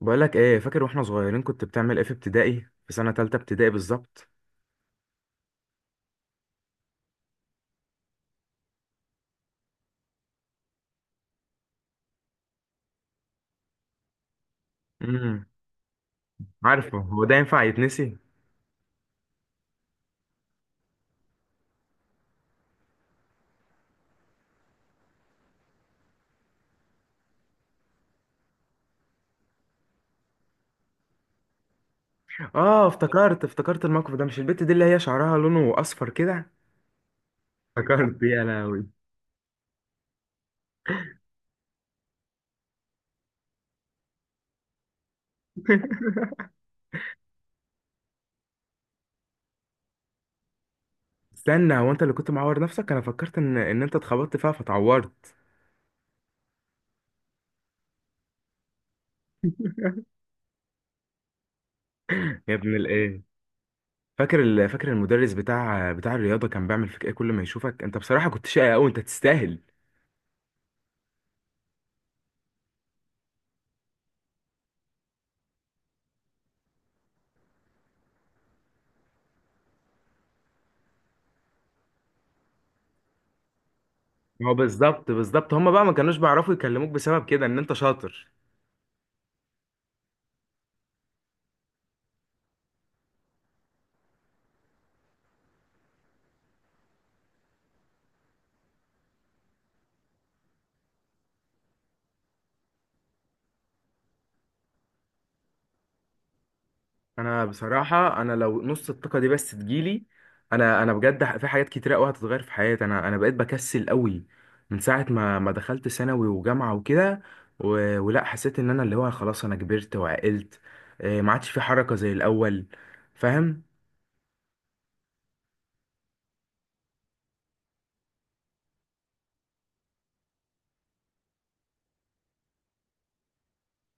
بقولك ايه، فاكر واحنا صغيرين كنت بتعمل ايه في ابتدائي؟ في سنة تالتة ابتدائي بالظبط. امم. عارفه هو ده ينفع يتنسي؟ اه، افتكرت الموقف ده. مش البت دي اللي هي شعرها لونه اصفر كده؟ افتكرت يا لهوي. استنى، هو انت اللي كنت معور نفسك؟ انا فكرت ان انت اتخبطت فيها فتعورت. يا ابن الايه. فاكر المدرس بتاع الرياضة كان بيعمل فيك ايه كل ما يشوفك؟ انت بصراحة كنت شقي قوي، انت تستاهل. هو بالظبط بالظبط، هما بقى ما كانوش بيعرفوا يكلموك بسبب كده ان انت شاطر. انا بصراحه، انا لو نص الطاقه دي بس تجيلي. انا بجد في حاجات كتيره قوي هتتغير في حياتي. انا بقيت بكسل قوي من ساعه ما دخلت ثانوي وجامعه وكده. ولا حسيت ان انا اللي هو خلاص انا كبرت وعقلت. ما عادش في حركه زي الاول، فاهم؟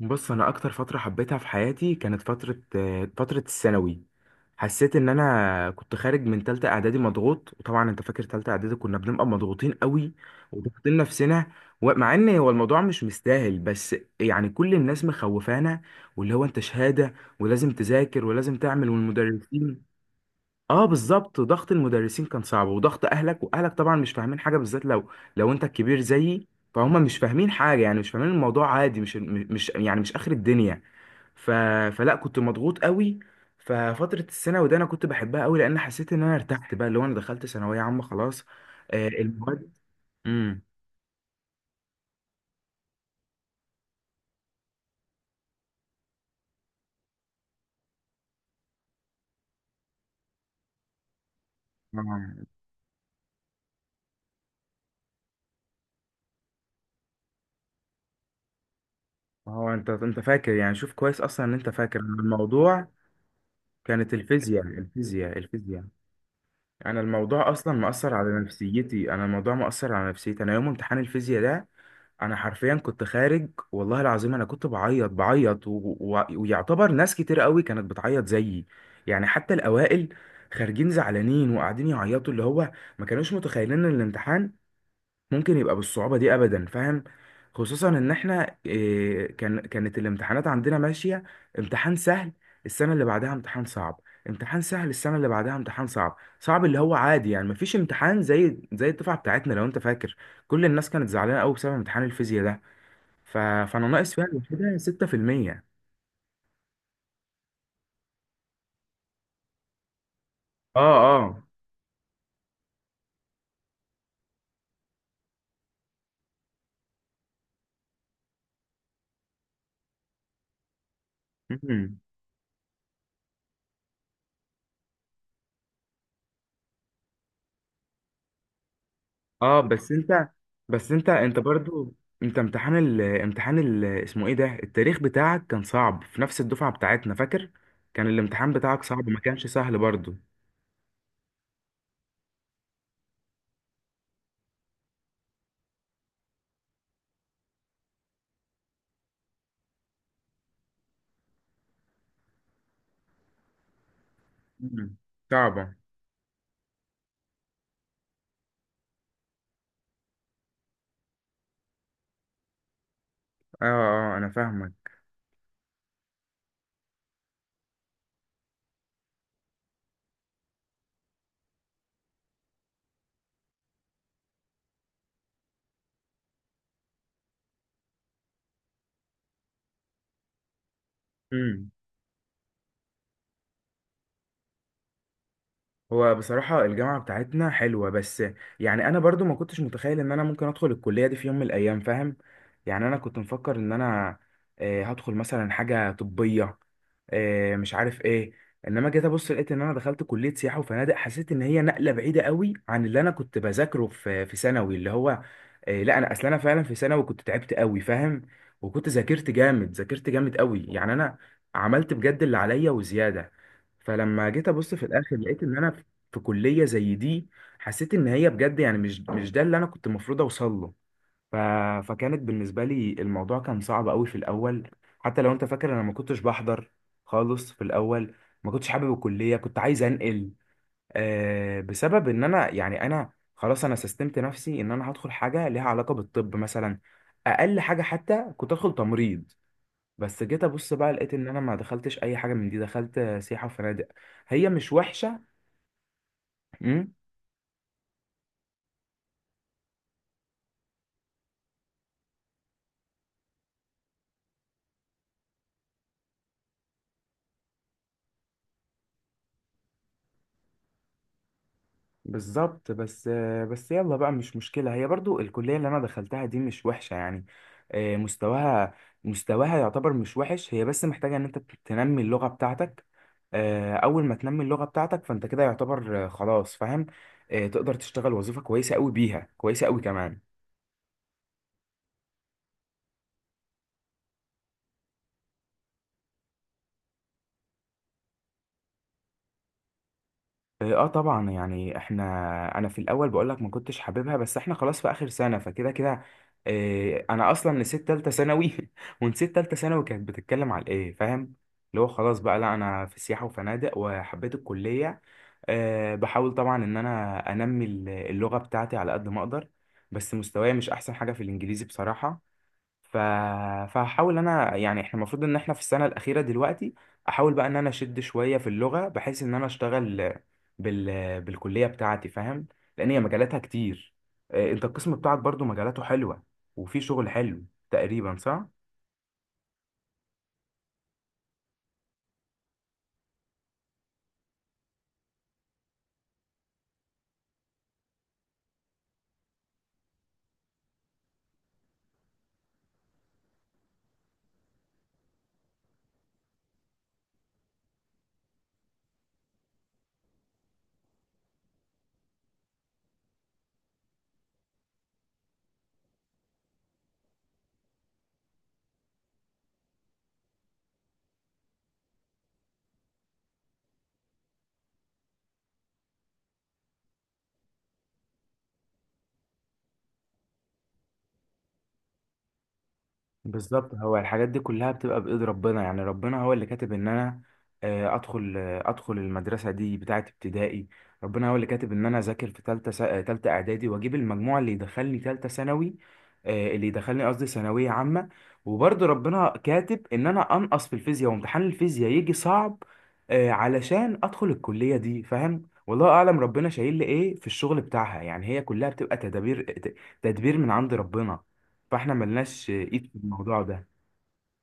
بص، انا اكتر فتره حبيتها في حياتي كانت فتره الثانوي. حسيت ان انا كنت خارج من تالتة اعدادي مضغوط، وطبعا انت فاكر تالتة اعدادي كنا بنبقى مضغوطين قوي وضاغطين نفسنا. ومع ان هو الموضوع مش مستاهل، بس يعني كل الناس مخوفانا، واللي هو انت شهاده ولازم تذاكر ولازم تعمل، والمدرسين. اه، بالظبط ضغط المدرسين كان صعب، وضغط اهلك. واهلك طبعا مش فاهمين حاجه، بالذات لو انت الكبير زيي. فهم مش فاهمين حاجه، يعني مش فاهمين الموضوع عادي، مش يعني مش اخر الدنيا. ف... فلا كنت مضغوط قوي. ففتره الثانوي ده انا كنت بحبها قوي، لان حسيت ان انا ارتحت بقى، اللي هو انا دخلت ثانويه عامه خلاص. المواد. امم. هو انت فاكر؟ يعني شوف كويس اصلا ان انت فاكر الموضوع. كانت الفيزياء، الفيزياء، الفيزياء. انا الموضوع اصلا مأثر على نفسيتي، انا الموضوع مأثر على نفسيتي. انا يوم امتحان الفيزياء ده، انا حرفيا كنت خارج والله العظيم. انا كنت بعيط بعيط ويعتبر ناس كتير قوي كانت بتعيط زيي، يعني حتى الاوائل خارجين زعلانين وقاعدين يعيطوا. اللي هو ما كانوش متخيلين ان الامتحان ممكن يبقى بالصعوبة دي أبدا، فاهم؟ خصوصا إن إحنا كانت الامتحانات عندنا ماشية. امتحان سهل، السنة اللي بعدها امتحان صعب. امتحان سهل، السنة اللي بعدها امتحان صعب صعب. اللي هو عادي، يعني مفيش امتحان زي الدفعة بتاعتنا لو أنت فاكر. كل الناس كانت زعلانة أوي بسبب امتحان الفيزياء ده. فأنا ناقص فيها الوحيدة 6%. اه، اه. مم. اه، بس انت. بس انت برضو، انت امتحان ال اسمه ايه ده، التاريخ بتاعك كان صعب في نفس الدفعة بتاعتنا، فاكر؟ كان الامتحان بتاعك صعب، ما كانش سهل برضو. مم. صعبة. اه، اه، انا فاهمك. هو بصراحة الجامعة بتاعتنا حلوة. بس يعني أنا برضو ما كنتش متخيل إن أنا ممكن أدخل الكلية دي في يوم من الأيام، فاهم؟ يعني أنا كنت مفكر إن أنا هدخل مثلا حاجة طبية. مش عارف إيه. إنما جيت أبص لقيت إن أنا دخلت كلية سياحة وفنادق. حسيت إن هي نقلة بعيدة قوي عن اللي أنا كنت بذاكره في ثانوي. اللي هو لا، أنا أصل أنا فعلا في ثانوي كنت تعبت قوي، فاهم؟ وكنت ذاكرت جامد، ذاكرت جامد قوي، يعني أنا عملت بجد اللي عليا وزيادة. فلما جيت ابص في الاخر لقيت ان انا في كلية زي دي. حسيت ان هي بجد، يعني مش ده اللي انا كنت المفروض اوصل له. ف... فكانت بالنسبة لي الموضوع كان صعب قوي في الاول. حتى لو انت فاكر انا ما كنتش بحضر خالص في الاول. ما كنتش حابب الكلية، كنت عايز انقل. بسبب ان انا، يعني انا خلاص انا سستمت نفسي ان انا هدخل حاجة ليها علاقة بالطب مثلا. اقل حاجة حتى كنت ادخل تمريض. بس جيت ابص بقى لقيت ان انا ما دخلتش اي حاجة من دي، دخلت سياحة وفنادق. هي مش وحشة. بالظبط. بس يلا بقى، مش مشكلة. هي برضو الكلية اللي أنا دخلتها دي مش وحشة يعني. مستواها، مستواها يعتبر مش وحش. هي بس محتاجة إن أنت تنمي اللغة بتاعتك. أول ما تنمي اللغة بتاعتك فأنت كده يعتبر خلاص، فاهم؟ تقدر تشتغل وظيفة كويسة أوي بيها، كويسة أوي كمان. اه، طبعا، يعني احنا. انا في الاول بقول لك ما كنتش حاببها، بس احنا خلاص في اخر سنه، فكده كده. اه، انا اصلا نسيت تالته ثانوي ونسيت تالته ثانوي كانت بتتكلم على ايه، فاهم؟ اللي هو خلاص بقى، لا، انا في سياحه وفنادق، وحبيت الكليه. اه، بحاول طبعا ان انا انمي اللغه بتاعتي على قد ما اقدر. بس مستواي مش احسن حاجه في الانجليزي بصراحه. ف... فهحاول انا، يعني احنا المفروض ان احنا في السنه الاخيره دلوقتي. احاول بقى ان انا اشد شويه في اللغه، بحيث ان انا اشتغل بالكليه بتاعتي، فاهم؟ لان هي مجالاتها كتير. انت القسم بتاعك برضو مجالاته حلوه، وفي شغل حلو، تقريبا صح؟ بالظبط. هو الحاجات دي كلها بتبقى بإيد ربنا، يعني ربنا هو اللي كاتب ان انا ادخل المدرسة دي بتاعة ابتدائي. ربنا هو اللي كاتب ان انا اذاكر في تالتة س- آه، تالتة اعدادي واجيب المجموع اللي يدخلني تالتة ثانوي. اللي يدخلني قصدي ثانوية عامة. وبرضه ربنا كاتب ان انا انقص في الفيزياء وامتحان الفيزياء يجي صعب. علشان ادخل الكلية دي، فاهم؟ والله اعلم ربنا شايل لي ايه في الشغل بتاعها، يعني هي كلها بتبقى تدابير، تدبير من عند ربنا. فاحنا ملناش ايد في الموضوع ده.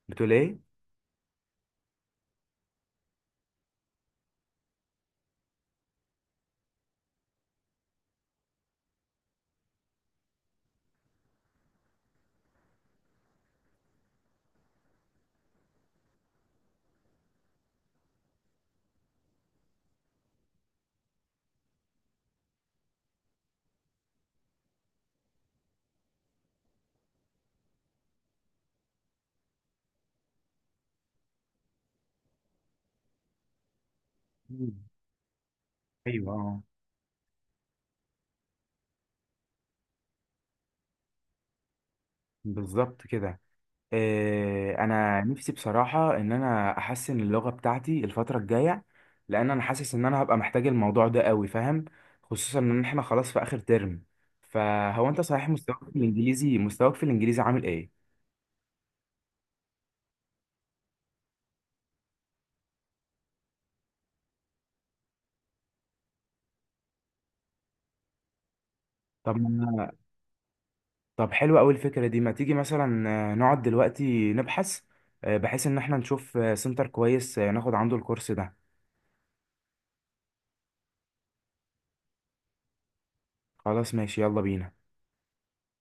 بتقول ايه؟ مم. ايوه، اه. بالظبط كده. إيه، انا نفسي بصراحه ان انا احسن اللغه بتاعتي الفتره الجايه، لان انا حاسس ان انا هبقى محتاج الموضوع ده قوي، فاهم؟ خصوصا ان احنا خلاص في اخر ترم. فهو انت صحيح مستواك في الانجليزي، مستواك في الانجليزي عامل ايه؟ طب ما- طب، حلوه قوي الفكره دي. ما تيجي مثلا نقعد دلوقتي نبحث، بحيث ان احنا نشوف سنتر كويس ناخد عنده الكورس ده. خلاص ماشي، يلا بينا.